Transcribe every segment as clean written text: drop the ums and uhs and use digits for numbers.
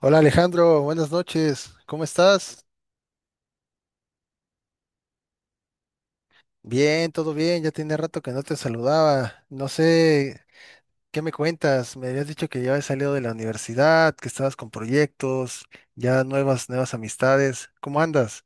Hola Alejandro, buenas noches. ¿Cómo estás? Bien, todo bien. Ya tenía rato que no te saludaba. No sé, ¿qué me cuentas? Me habías dicho que ya habías salido de la universidad, que estabas con proyectos, ya nuevas amistades. ¿Cómo andas?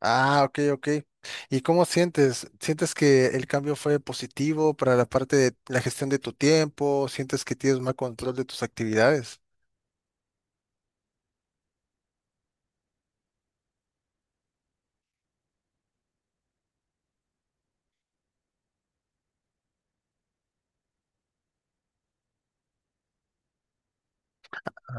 Ah, ok, ok. ¿Y cómo sientes? ¿Sientes que el cambio fue positivo para la parte de la gestión de tu tiempo? ¿Sientes que tienes más control de tus actividades?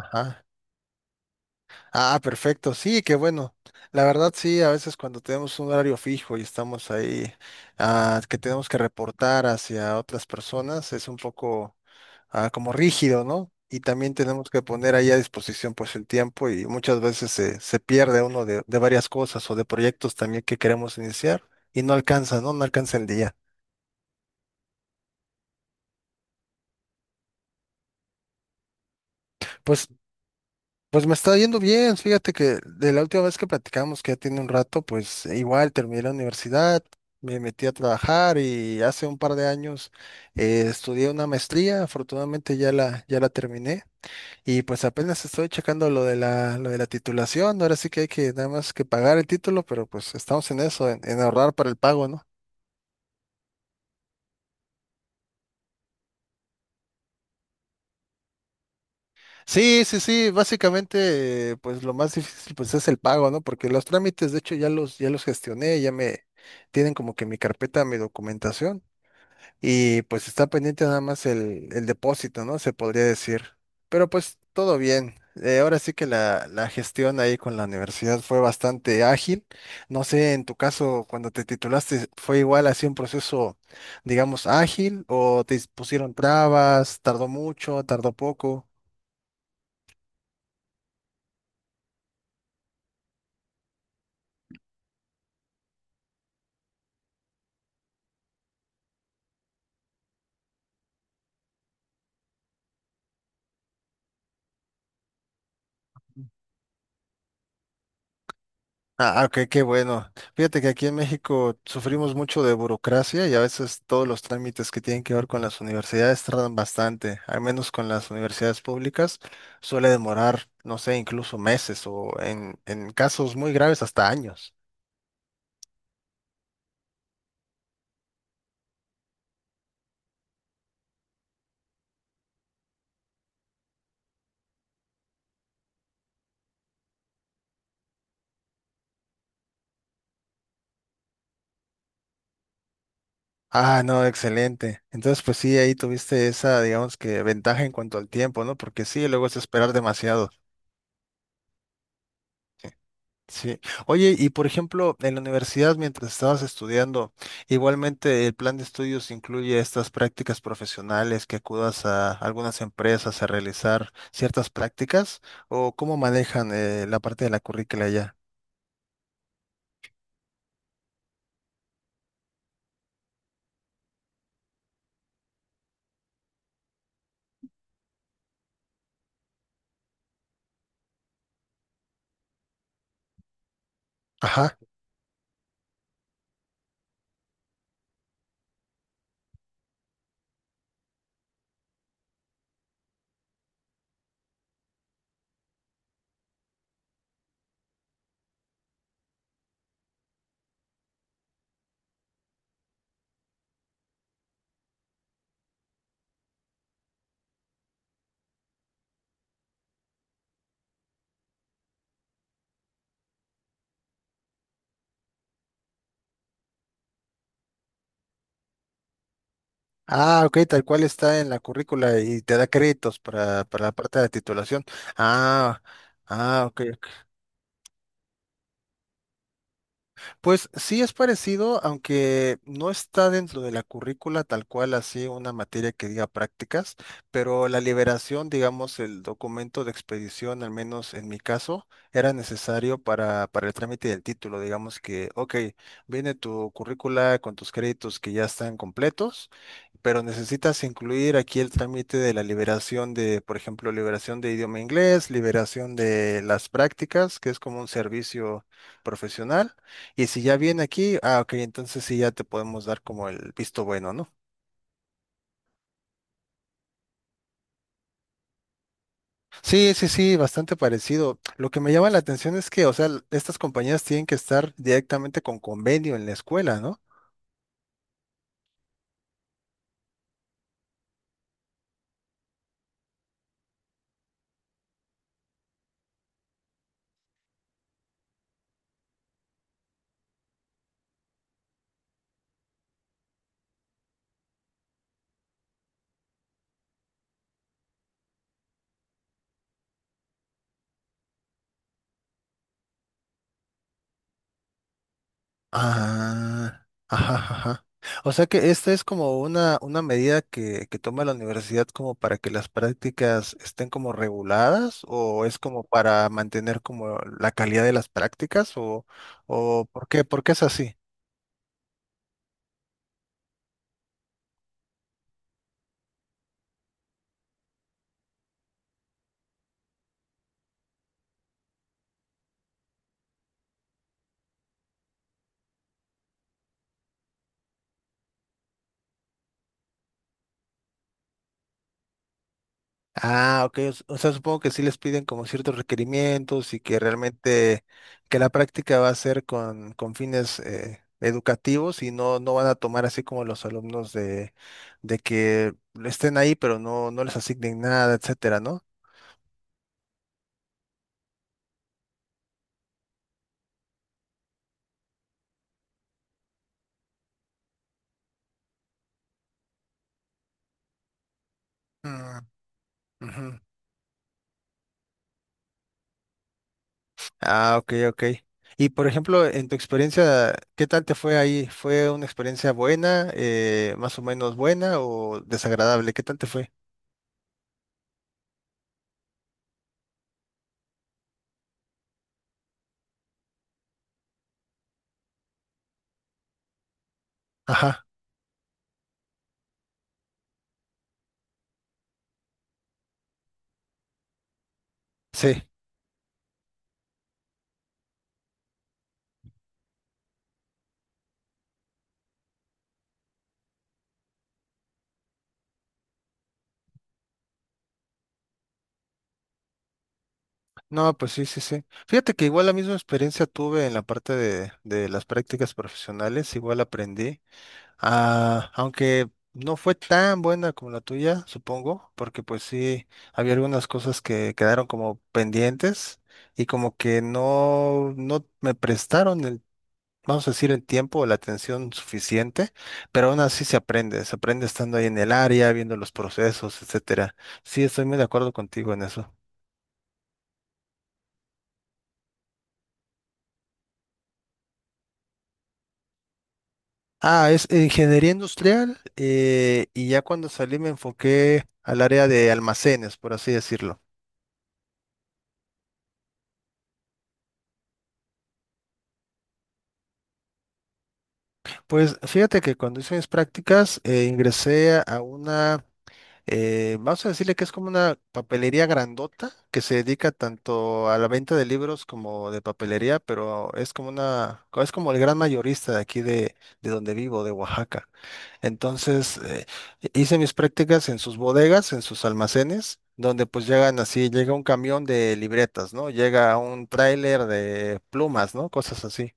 Ajá. Ah, perfecto, sí, qué bueno. La verdad, sí, a veces cuando tenemos un horario fijo y estamos ahí, que tenemos que reportar hacia otras personas, es un poco, como rígido, ¿no? Y también tenemos que poner ahí a disposición pues el tiempo y muchas veces se pierde uno de varias cosas o de proyectos también que queremos iniciar y no alcanza, ¿no? No alcanza el día. Pues Pues me está yendo bien, fíjate que de la última vez que platicamos, que ya tiene un rato, pues igual terminé la universidad, me metí a trabajar y hace un par de años estudié una maestría, afortunadamente ya la terminé y pues apenas estoy checando lo de la titulación, ahora sí que hay que nada más que pagar el título, pero pues estamos en eso, en ahorrar para el pago, ¿no? Sí, sí, sí, básicamente, pues lo más difícil pues es el pago, ¿no? Porque los trámites, de hecho, ya los gestioné, ya me tienen como que mi carpeta, mi documentación, y pues está pendiente nada más el depósito, ¿no? Se podría decir. Pero pues todo bien. Ahora sí que la gestión ahí con la universidad fue bastante ágil. No sé, en tu caso, cuando te titulaste, ¿fue igual así un proceso, digamos, ágil o te pusieron trabas, tardó mucho, tardó poco? Ah, ah, ok, qué bueno. Fíjate que aquí en México sufrimos mucho de burocracia y a veces todos los trámites que tienen que ver con las universidades tardan bastante, al menos con las universidades públicas suele demorar, no sé, incluso meses o en casos muy graves hasta años. Ah, no, excelente. Entonces, pues sí, ahí tuviste esa, digamos que ventaja en cuanto al tiempo, ¿no? Porque sí, luego es esperar demasiado. Sí. Oye, y por ejemplo, en la universidad, mientras estabas estudiando, igualmente el plan de estudios incluye estas prácticas profesionales que acudas a algunas empresas a realizar ciertas prácticas, o cómo manejan la parte de la currícula ya. Ajá. Ah, ok, tal cual está en la currícula y te da créditos para la parte de la titulación. Ah, ah, ok. Pues sí es parecido, aunque no está dentro de la currícula tal cual así una materia que diga prácticas, pero la liberación, digamos, el documento de expedición, al menos en mi caso, era necesario para el trámite del título. Digamos que, ok, viene tu currícula con tus créditos que ya están completos, pero necesitas incluir aquí el trámite de la liberación de, por ejemplo, liberación de idioma inglés, liberación de las prácticas, que es como un servicio profesional y si ya viene aquí, ah, ok, entonces sí ya te podemos dar como el visto bueno, ¿no? Sí, sí, sí, bastante parecido. Lo que me llama la atención es que, o sea, estas compañías tienen que estar directamente con convenio en la escuela, ¿no? Ah, ajá, ajá. O sea que esta es como una medida que toma la universidad como para que las prácticas estén como reguladas o es como para mantener como la calidad de las prácticas o ¿por qué? ¿Por qué es así? Ah, ok. O, o sea, supongo que sí les piden como ciertos requerimientos y que realmente que la práctica va a ser con fines educativos y no, no van a tomar así como los alumnos de que estén ahí pero no, no les asignen nada, etcétera, ¿no? Mm, ujú. Ah, ok, ok. Y por ejemplo, en tu experiencia, ¿qué tal te fue ahí? ¿Fue una experiencia buena, más o menos buena o desagradable? ¿Qué tal te fue? Ajá, sí. No, pues sí, sí, sí. Fíjate que igual la misma experiencia tuve en la parte de las prácticas profesionales, igual aprendí, aunque no fue tan buena como la tuya, supongo, porque pues sí, había algunas cosas que quedaron como pendientes y como que no, no me prestaron vamos a decir, el tiempo o la atención suficiente, pero aún así se aprende estando ahí en el área, viendo los procesos, etcétera. Sí, estoy muy de acuerdo contigo en eso. Ah, es ingeniería industrial y ya cuando salí me enfoqué al área de almacenes, por así decirlo. Pues fíjate que cuando hice mis prácticas ingresé a una... vamos a decirle que es como una papelería grandota que se dedica tanto a la venta de libros como de papelería, pero es como una, es como el gran mayorista de aquí de donde vivo, de Oaxaca. Entonces, hice mis prácticas en sus bodegas, en sus almacenes, donde pues llegan así, llega un camión de libretas, ¿no? Llega un tráiler de plumas, ¿no? Cosas así.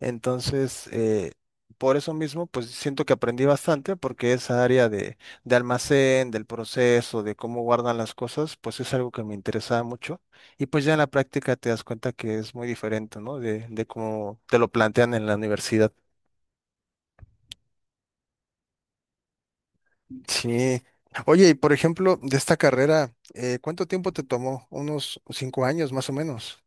Entonces, por eso mismo, pues siento que aprendí bastante porque esa área de almacén, del proceso, de cómo guardan las cosas, pues es algo que me interesaba mucho. Y pues ya en la práctica te das cuenta que es muy diferente, ¿no? De cómo te lo plantean en la universidad. Sí. Oye, y por ejemplo, de esta carrera, ¿cuánto tiempo te tomó? Unos 5 años más o menos.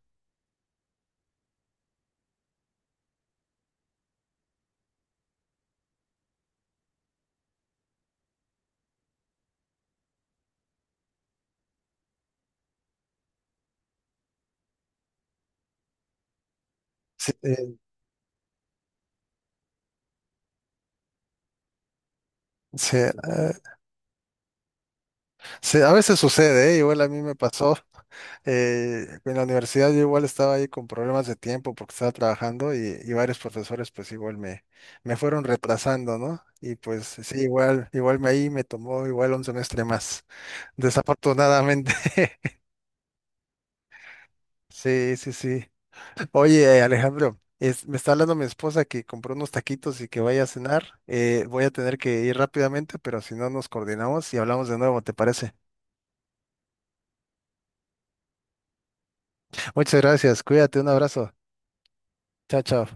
Sí, sí, sí, a veces sucede, ¿eh? Igual a mí me pasó. En la universidad yo igual estaba ahí con problemas de tiempo porque estaba trabajando y varios profesores pues igual me, me fueron retrasando, ¿no? Y pues sí, igual, igual me ahí me tomó igual un semestre más, desafortunadamente. Sí, sí, sí. Oye, Alejandro, me está hablando mi esposa que compró unos taquitos y que vaya a cenar. Voy a tener que ir rápidamente, pero si no nos coordinamos y hablamos de nuevo, ¿te parece? Muchas gracias, cuídate, un abrazo. Chao, chao.